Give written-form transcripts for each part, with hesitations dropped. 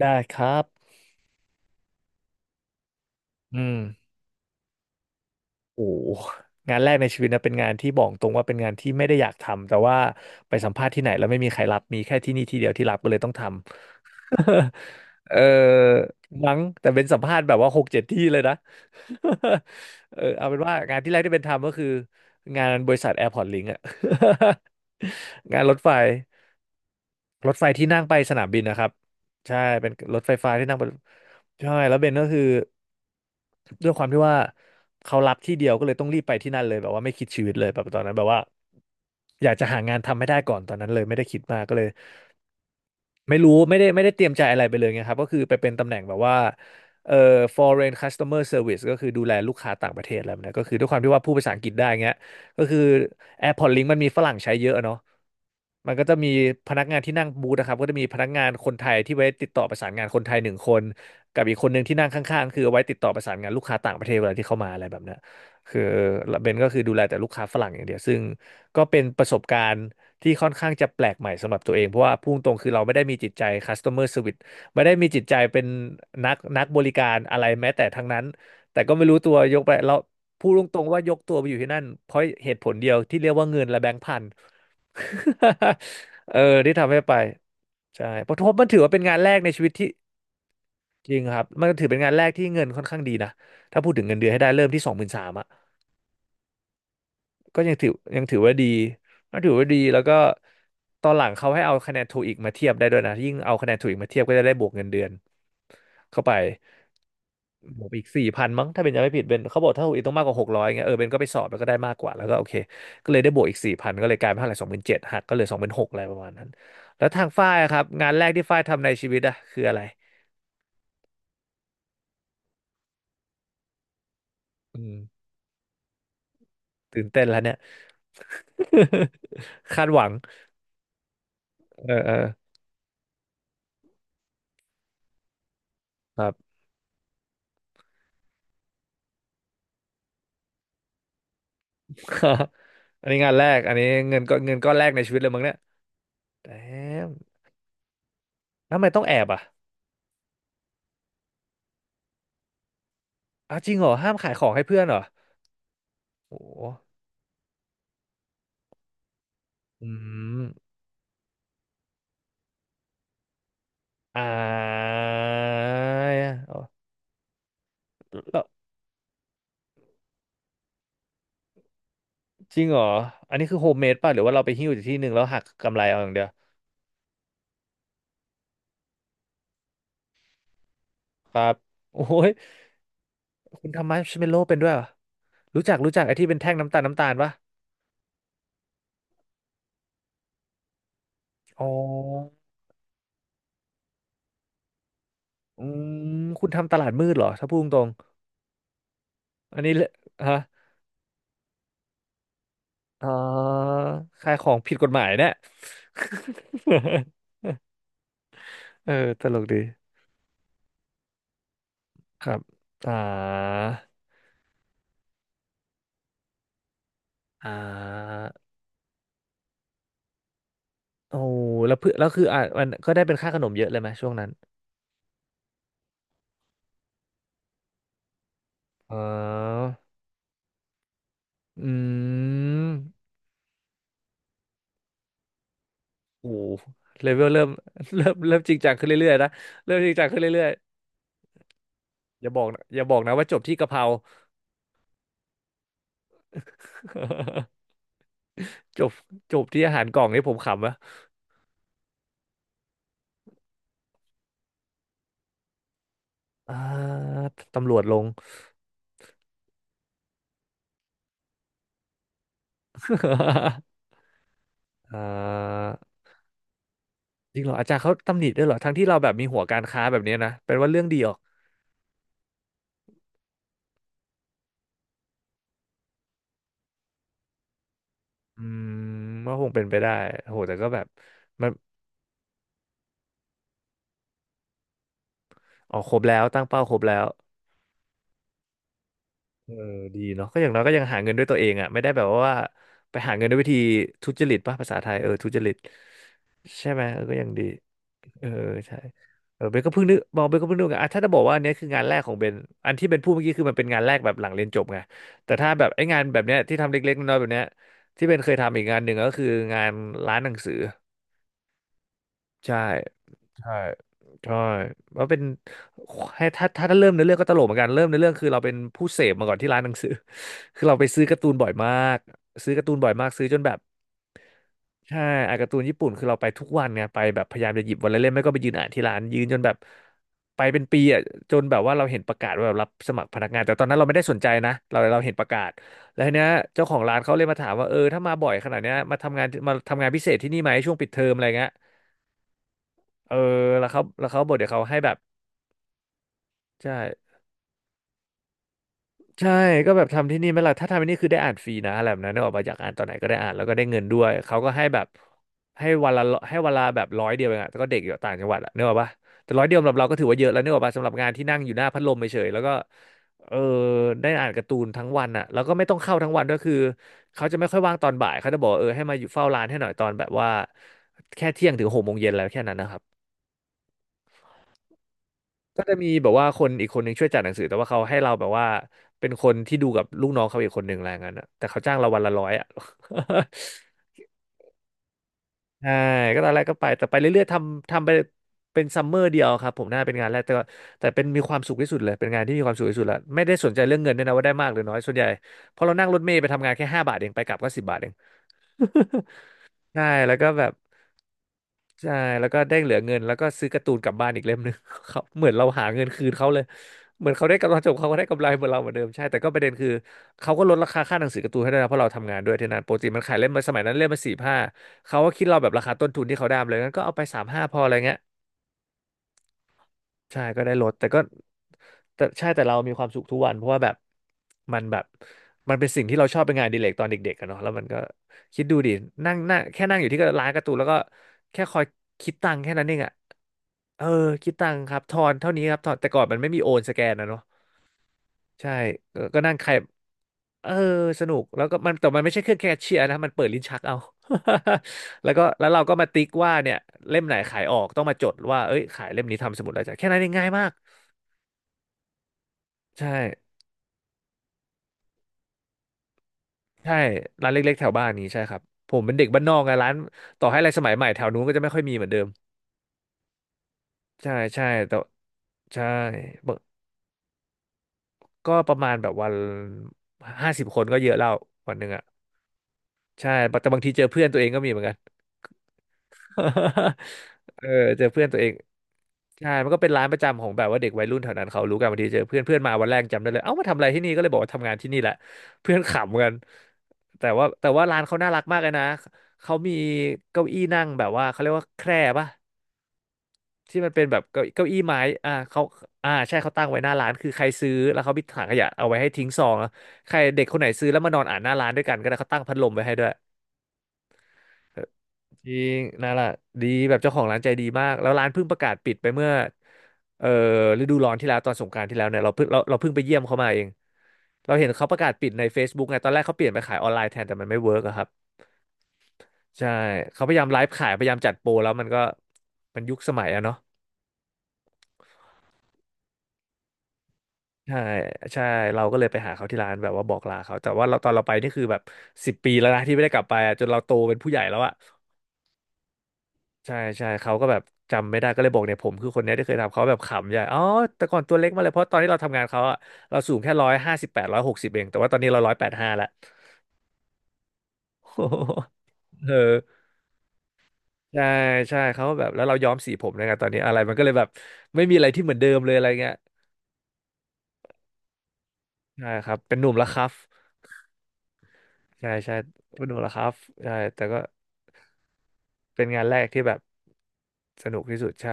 ได้ครับอืมโอ้งานแรกในชีวิตนะเป็นงานที่บอกตรงว่าเป็นงานที่ไม่ได้อยากทำแต่ว่าไปสัมภาษณ์ที่ไหนแล้วไม่มีใครรับมีแค่ที่นี่ที่เดียวที่รับก็เลยต้องทำ เออมั้งแต่เป็นสัมภาษณ์แบบว่า6-7 ที่เลยนะ เออเอาเป็นว่างานที่แรกที่เป็นทำก็คืองานบริษัทแอร์พอร์ตลิงก์อะ งานรถไฟรถไฟที่นั่งไปสนามบินนะครับ ใช่เป็นรถไฟฟ้าที่นั่งไปใช่แล้วเบนก็คือ ด้วยความที่ว่าเขารับที่เดียวก็เลยต้องรีบไปที่นั่นเลยแบบว่าไม่คิดชีวิตเลยแบบตอนนั้นแบบว่าอยากจะหางานทำให้ได้ก่อนตอนนั้นเลยไม่ได้คิดมากก็เลย ไม่รู้ไม่ได้เตรียมใจอะไรไปเลยไงครับก็คือไปเป็นตำแหน่งแบบว่าเอ่อ foreign customer service ก็คือดูแลลูกค้าต่างประเทศอะไรแบบเนี้ยก็คือด้วยความที่ว่าพูดภาษาอังกฤษได้เงี้ยก็คือ AirPods Link มันมีฝรั่งใช้เยอะเนาะมันก็จะมีพนักงานที่นั่งบูธนะครับก็จะมีพนักงานคนไทยที่ไว้ติดต่อประสานงานคนไทยหนึ่งคนกับอีกคนหนึ่งที่นั่งข้างๆคือเอาไว้ติดต่อประสานงานลูกค้าต่างประเทศเวลาที่เข้ามาอะไรแบบเนี้ยคือเบนก็คือดูแลแต่ลูกค้าฝรั่งอย่างเดียวซึ่งก็เป็นประสบการณ์ ที่ค่อนข้างจะแปลกใหม่สำหรับตัวเองเพราะว่าพุ่งตรงคือเราไม่ได้มีจิตใจ customer service ไม่ได้มีจิตใจเป็นนักบริการอะไรแม้แต่ทั้งนั้นแต่ก็ไม่รู้ตัวยกไปแล้วพูดตรงๆว่ายกตัวไปอยู่ที่นั่นเพราะเหตุผลเดียวที่เรียกว่าเงินและแบงค์พัน เออที่ทำให้ไปใช่เพราะทบมันถือว่าเป็นงานแรกในชีวิตที่จริงครับมันถือเป็นงานแรกที่เงินค่อนข้างดีนะถ้าพูดถึงเงินเดือนให้ได้เริ่มที่23,000 ก็ยังถือว่าดีก็ถือว่าดีแล้วก็ตอนหลังเขาให้เอาคะแนนโทอีกมาเทียบได้ด้วยนะยิ่งเอาคะแนนโทอีกมาเทียบก็จะได้บวกเงินเดือนเข้าไปบวกอีกสี่พันมั้งถ้าเป็นจำไม่ผิดเป็นเขาบอกถ้าโทอีกต้องมากกว่า600เงี้ยเออเบนก็ไปสอบแล้วก็ได้มากกว่าแล้วก็โอเคก็เลยได้บวกอีกสี่พันก็เลยกลายเป็นเท่าไหร่27,000หักก็เหลือ26,000อะไรประมาณนั้นแล้วทางฝ้ายอะครับงานแรกที่ฝ้ายทำในชีวิตอะคืออะไรอืมตื่นเต้นแล้วเนี่ย คาดหวังเออเออครับ อันนี้งานแรกอันนี้เงินก็เงินก้อนแรกในชีวิตเลยมั้งเนี่ยแต่ทำไมต้องแอบอ่ะอ้าวจริงเหรอห้ามขายของให้เพื่อนเหรอโอ้โหอืมอ่าแล้วจริงเหรออันนี้คือโฮมเมดป่ะหรือว่าเราไปหิ้วจากที่หนึ่งแล้วหักกำไรเอาอย่างเดียวครับโอ้ยคุณทำมาร์ชเมลโล่เป็นด้วยเหรอรู้จักรู้จักไอ้ที่เป็นแท่งน้ำตาลน้ำตาลปะอ๋ออืมคุณทำตลาดมืดเหรอถ้าพูดตรงๆอันนี้เลฮะ อ๋อขายของผิดกฎหมายเนี่ย เออตลกดีครับอ่าอ่าโอ้แล้วเพื่อแล้วคืออ่ะมันก็ได้เป็นค่าขนมเยอะเลยไหมช่วงนั้นอ๋ออืมโอ้เลเวลเริ่ม เริ่มจริงจังขึ้นเรื่อยๆนะเริ่มจริงจังขึ้นเรื่อยๆอย่าบอกนะอย่าบอกนะว่าจบที่กะเพรา จบจบที่อาหารกล่องนี่ผมขำอะอ่าตำรวจลง อ่า จริงเหรออาจารย์เขาตำหนิด้วยเหรอทั้งที่เราแบบมีหัวการค้าแบบเนี้ยนะเป็นว่าเรื่องดีออกอืมก็คงเป็นไปได้โหแต่ก็แบบมันออกครบแล้วตั้งเป้าครบแล้ว เออดีเนาะก็อย่างน้อยก็ยังหาเงินด้วยตัวเองอ่ะไม่ได้แบบว่าไปหาเงินด้วยวิธีทุจริตป่ะภาษาไทยเออทุจริตใช่ไหมเออก็ยังดีเออใช่เออเบนก็เพิ่งนึกมองเบนก็เพิ่งนึกอ่ะถ้าจะบอกว่าอันเนี้ยคืองานแรกของเบนอันที่เบนพูดเมื่อกี้คือมันเป็นงานแรกแบบหลังเรียนจบไงแต่ถ้าแบบไอ้งานแบบเนี้ยที่ทำเล็กๆน้อยๆแบบเนี้ยที่เบนเคยทำอีกงานหนึ่งก็คืองานร้านหนังสือใช่ ใช่ใช่ว่าเป็นให้ถ้าเริ่มในอเรื่องก็ตลกเหมือนกันเริ่มในอเรื่องคือเราเป็นผู้เสพมาก่อนที่ร้านหนังสือ คือเราไปซื้อการ์ตูนบ่อยมากซื้อการ์ตูนบ่อยมากซื้อจนแบบใช่อ่านการ์ตูนญี่ปุ่นคือเราไปทุกวันไงไปแบบพยายามจะหยิบวันละเล่มไม่ก็ไปยืนอ่านที่ร้านยืนจนแบบไปเป็นปีอ่ะจนแบบว่าเราเห็นประกาศว่าแบบรับสมัครพนักงานแต่ตอนนั้นเราไม่ได้สนใจนะเราเห็นประกาศแล้วทีเนี้ยเจ้าของร้านเขาเลยมาถามว่าเออถ้ามาบ่อยขนาดเนี้ยมาทำงานพิเศษที่นี่ไหมช่วงปิดเทอมอะไรเงี้ยเออแล้วเขาบอกเดี๋ยวเขาให้แบบ ใช่ใช่ก็แบบทำที่นี่ไหม่ล่ะถ้าทำที่นี่คือได้อ่านฟรีนะอะไรแบบนั้นเนกออกมาอยากอ่านตอนไหนก็ได้อ่านแล้วก็ได้เงินด้วยเขาก็ให้แบบให้วันละแบบร้อยเดียวเองอะแต่ก็เด็กอยู่ต่างจังหวัดอะเนกออกปะแต่ร้อยเดียวสำหรับเราก็ถือว่าเยอะแล้วเนกออกปะสำหรับงานที่นั่งอยู่หน้าพัดลมเฉยๆแล้วก็เออได้อ่านการ์ตูนทั้งวันอะแล้วก็ไม่ต้องเข้าทั้งวันด้วยคือเขาจะไม่ค่อยว่างตอนบ่ายเขาจะบอกว่าเออให้มาอยู่เฝ้าร้านให้หน่อยตอนแบบว่าแค่เที่ยงถึงหกโมงเย็นแล้วแค่นั้นนะครับ ก็จะมีแบบว่าคนอีกคนหนึ่งช่วยจัดหนังสือแต่ว่าเขาให้เราแบบว่าเป็นคนที่ดูกับลูกน้องเขาอีกคนหนึ่งอะไรเงี้ยนะแต่เขาจ้างเราวันละร้อยอ่ะ ใช่ก็ตอนแรกก็ไปแต่ไปเรื่อยๆทำไปเป็นซัมเมอร์เดียวครับผมน่าเป็นงานแรกแต่ว่าแต่เป็นมีความสุขที่สุดเลยเป็นงานที่มีความสุขที่สุดละไม่ได้สนใจเรื่องเงินด้วยนะว่าได้มากหรือน้อยส่วนใหญ่เพอเรานั่งรถเมล์ไปทำงานแค่5 บาทเองไปกลับก็10 บาทเอง ใช่แล้วก็แบบ ใช่แล้วก็ได้เหลือเงินแล้วก็ซื้อการ์ตูนกลับบ้านอีกเล่มหนึ่ง เขาเหมือนเราหาเงินคืนเขาเลยเหมือนเขาได้กำไรจบเขาก็ได้กำไรเหมือนเราเหมือนเดิมใช่แต่ก็ประเด็นคือเขาก็ลดราคาค่าหนังสือการ์ตูนให้ด้วยนะเพราะเราทำงานด้วยที่นั่นปกติมันขายเล่มมาสมัยนั้นเล่มมาสี่ห้าเขาก็คิดเราแบบราคาต้นทุนที่เขาได้มาเลยงั้นก็เอาไปสามห้าพออะไรเงี้ย ใช่ก็ได้ลดแต่ก็แต่ใช่แต่เรามีความสุขทุกวันเพราะว่าแบบมันแบบมันเป็นสิ่งที่เราชอบเป็นงานอดีเลกตอนเด็กๆกันเนาะแล้วมันก็คิดดูดินั่งนั่งแค่นั่งอยู่ที่ร้านการ์ตูนแล้วก็แค่คอยคิดตังค์แค่นั้นเองอ่ะเออคิดตังค์ครับทอนเท่านี้ครับทอนแต่ก่อนมันไม่มีโอนสแกนนะเนาะใช่ก็นั่งใครเออสนุกแล้วก็มันแต่มันไม่ใช่เครื่องแคชเชียร์นะมันเปิดลิ้นชักเอา แล้วก็แล้วเราก็มาติ๊กว่าเนี่ยเล่มไหนขายออกต้องมาจดว่าเอ้ยขายเล่มนี้ทำสมุดอะไรจ้ะแค่นั้นเองง่ายมาก ใช่ใช่ร้านเล็กๆแถวบ้านนี้ใช่ครับผมเป็นเด็กบ้านนอกไงร้านต่อให้อะไรสมัยใหม่แถวนู้นก็จะไม่ค่อยมีเหมือนเดิมใช่ใช่แต่ใช่บก็ประมาณแบบวัน50 คนก็เยอะแล้ววันหนึ่งอ่ะใช่แต่บางทีเจอเพื่อนตัวเองก็มีเหมือนกัน เออเจอเพื่อนตัวเองใช่มันก็เป็นร้านประจำของแบบว่าเด็กวัยรุ่นแถวนั้นเขารู้กันบางทีเจอเพื่อนเพื่อนมาวันแรกจำได้เลยเอ้ามาทำอะไรที่นี่ก็เลยบอกว่าทำงานที่นี่แหละเพื่อนขำกันแต่ว่าร้านเขาน่ารักมากเลยนะเขามีเก้าอี้นั่งแบบว่าเขาเรียกว่าแคร่ปะที่มันเป็นแบบเก้าอี้ไม้อ่าเขาอ่าใช่เขาตั้งไว้หน้าร้านคือใครซื้อแล้วเขามีถังขยะเอาไว้ให้ทิ้งซองอะใครเด็กคนไหนซื้อแล้วมานอนอ่านหน้าร้านด้วยกันก็ได้เขาตั้งพัดลมไว้ให้ด้วย จริงนั่นแหละดีแบบเจ้าของร้านใจดีมากแล้วร้านเพิ่งประกาศปิดไปเมื่อเอ่อฤดูร้อนที่แล้วตอนสงกรานต์ที่แล้วเนี่ยเราเพิ่งไปเยี่ยมเขามาเองเราเห็นเขาประกาศปิดใน Facebook ไงตอนแรกเขาเปลี่ยนไปขายออนไลน์แทนแต่มันไม่เวิร์กอะครับใช่เขาพยายามไลฟ์ขายพยายามจัดโปรแล้วมันก็มันยุคสมัยอะเนาะใช่ใช่เราก็เลยไปหาเขาที่ร้านแบบว่าบอกลาเขาแต่ว่าเราตอนเราไปนี่คือแบบ10 ปีแล้วนะที่ไม่ได้กลับไปอะจนเราโตเป็นผู้ใหญ่แล้วอะ ใช่ใช่เขาก็แบบจำไม่ได้ก็เลยบอกเนี่ยผมคือคนเนี้ยที่เคยทำเขาแบบขำใหญ่อ๋อแต่ก่อนตัวเล็กมากเลยเพราะตอนที่เราทำงานเขาอะเราสูงแค่158160เองแต่ว่าตอนนี้เรา185ละ โอ้โหเออใช่ใช่เขาแบบแล้วเราย้อมสีผมนะไงตอนนี้อะไรมันก็เลยแบบไม่มีอะไรที่เหมือนเดิมเลยอะไรเงี้ยใช่ครับเป็นหนุ่มแล้วครับใช่ใช่เป็นหนุ่มแล้วครับใช่แต่ก็ เป็นงานแรกที่แบบสนุกที่สุดใช่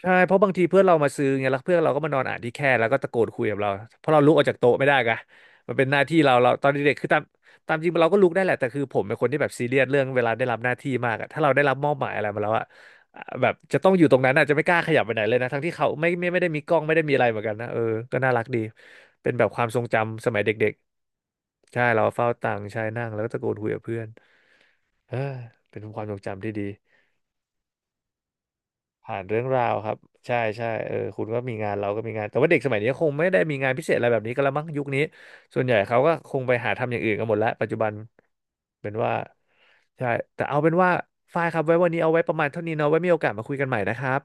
ใช่เพราะบางทีเพื่อนเรามาซื้อไงแล้วเพื่อนเราก็มานอนอ่านที่แคร่แล้วก็ตะโกนคุยกับเราเพราะเราลุกออกจากโต๊ะไม่ได้ไงมันเป็นหน้าที่เราตอนเด็กๆคือตามจริงเราก็ลุกได้แหละแต่คือผมเป็นคนที่แบบซีเรียสเรื่องเวลาได้รับหน้าที่มากอะถ้าเราได้รับมอบหมายอะไรมาแล้วอะแบบจะต้องอยู่ตรงนั้นอะจะไม่กล้าขยับไปไหนเลยนะทั้งที่เขาไม่ได้มีกล้องไม่ได้มีอะไรเหมือนกันนะเออก็น่ารักดีเป็นแบบความทรงจำสมัยเด็กๆใช่เราเฝ้าตังค์ใช่นั่งแล้วก็ตะโกนคุยกับเพื่อนเออเป็นความทรงจำที่ดี ผ่านเรื่องราวครับใช่ใช่เออคุณก็มีงานเราก็มีงานแต่ว่าเด็กสมัยนี้คงไม่ได้มีงานพิเศษอะไรแบบนี้ก็และมั้งยุคนี้ส่วนใหญ่เขาก็คงไปหาทำอย่างอื่นกันหมดแล้วปัจจุบันเป็นว่าใช่แต่เอาเป็นว่าฝ้ายครับไว้วันนี้เอาไว้ประมาณเท่านี้เนาะไว้มีโอกาสมาคุยกันใหม่นะครับ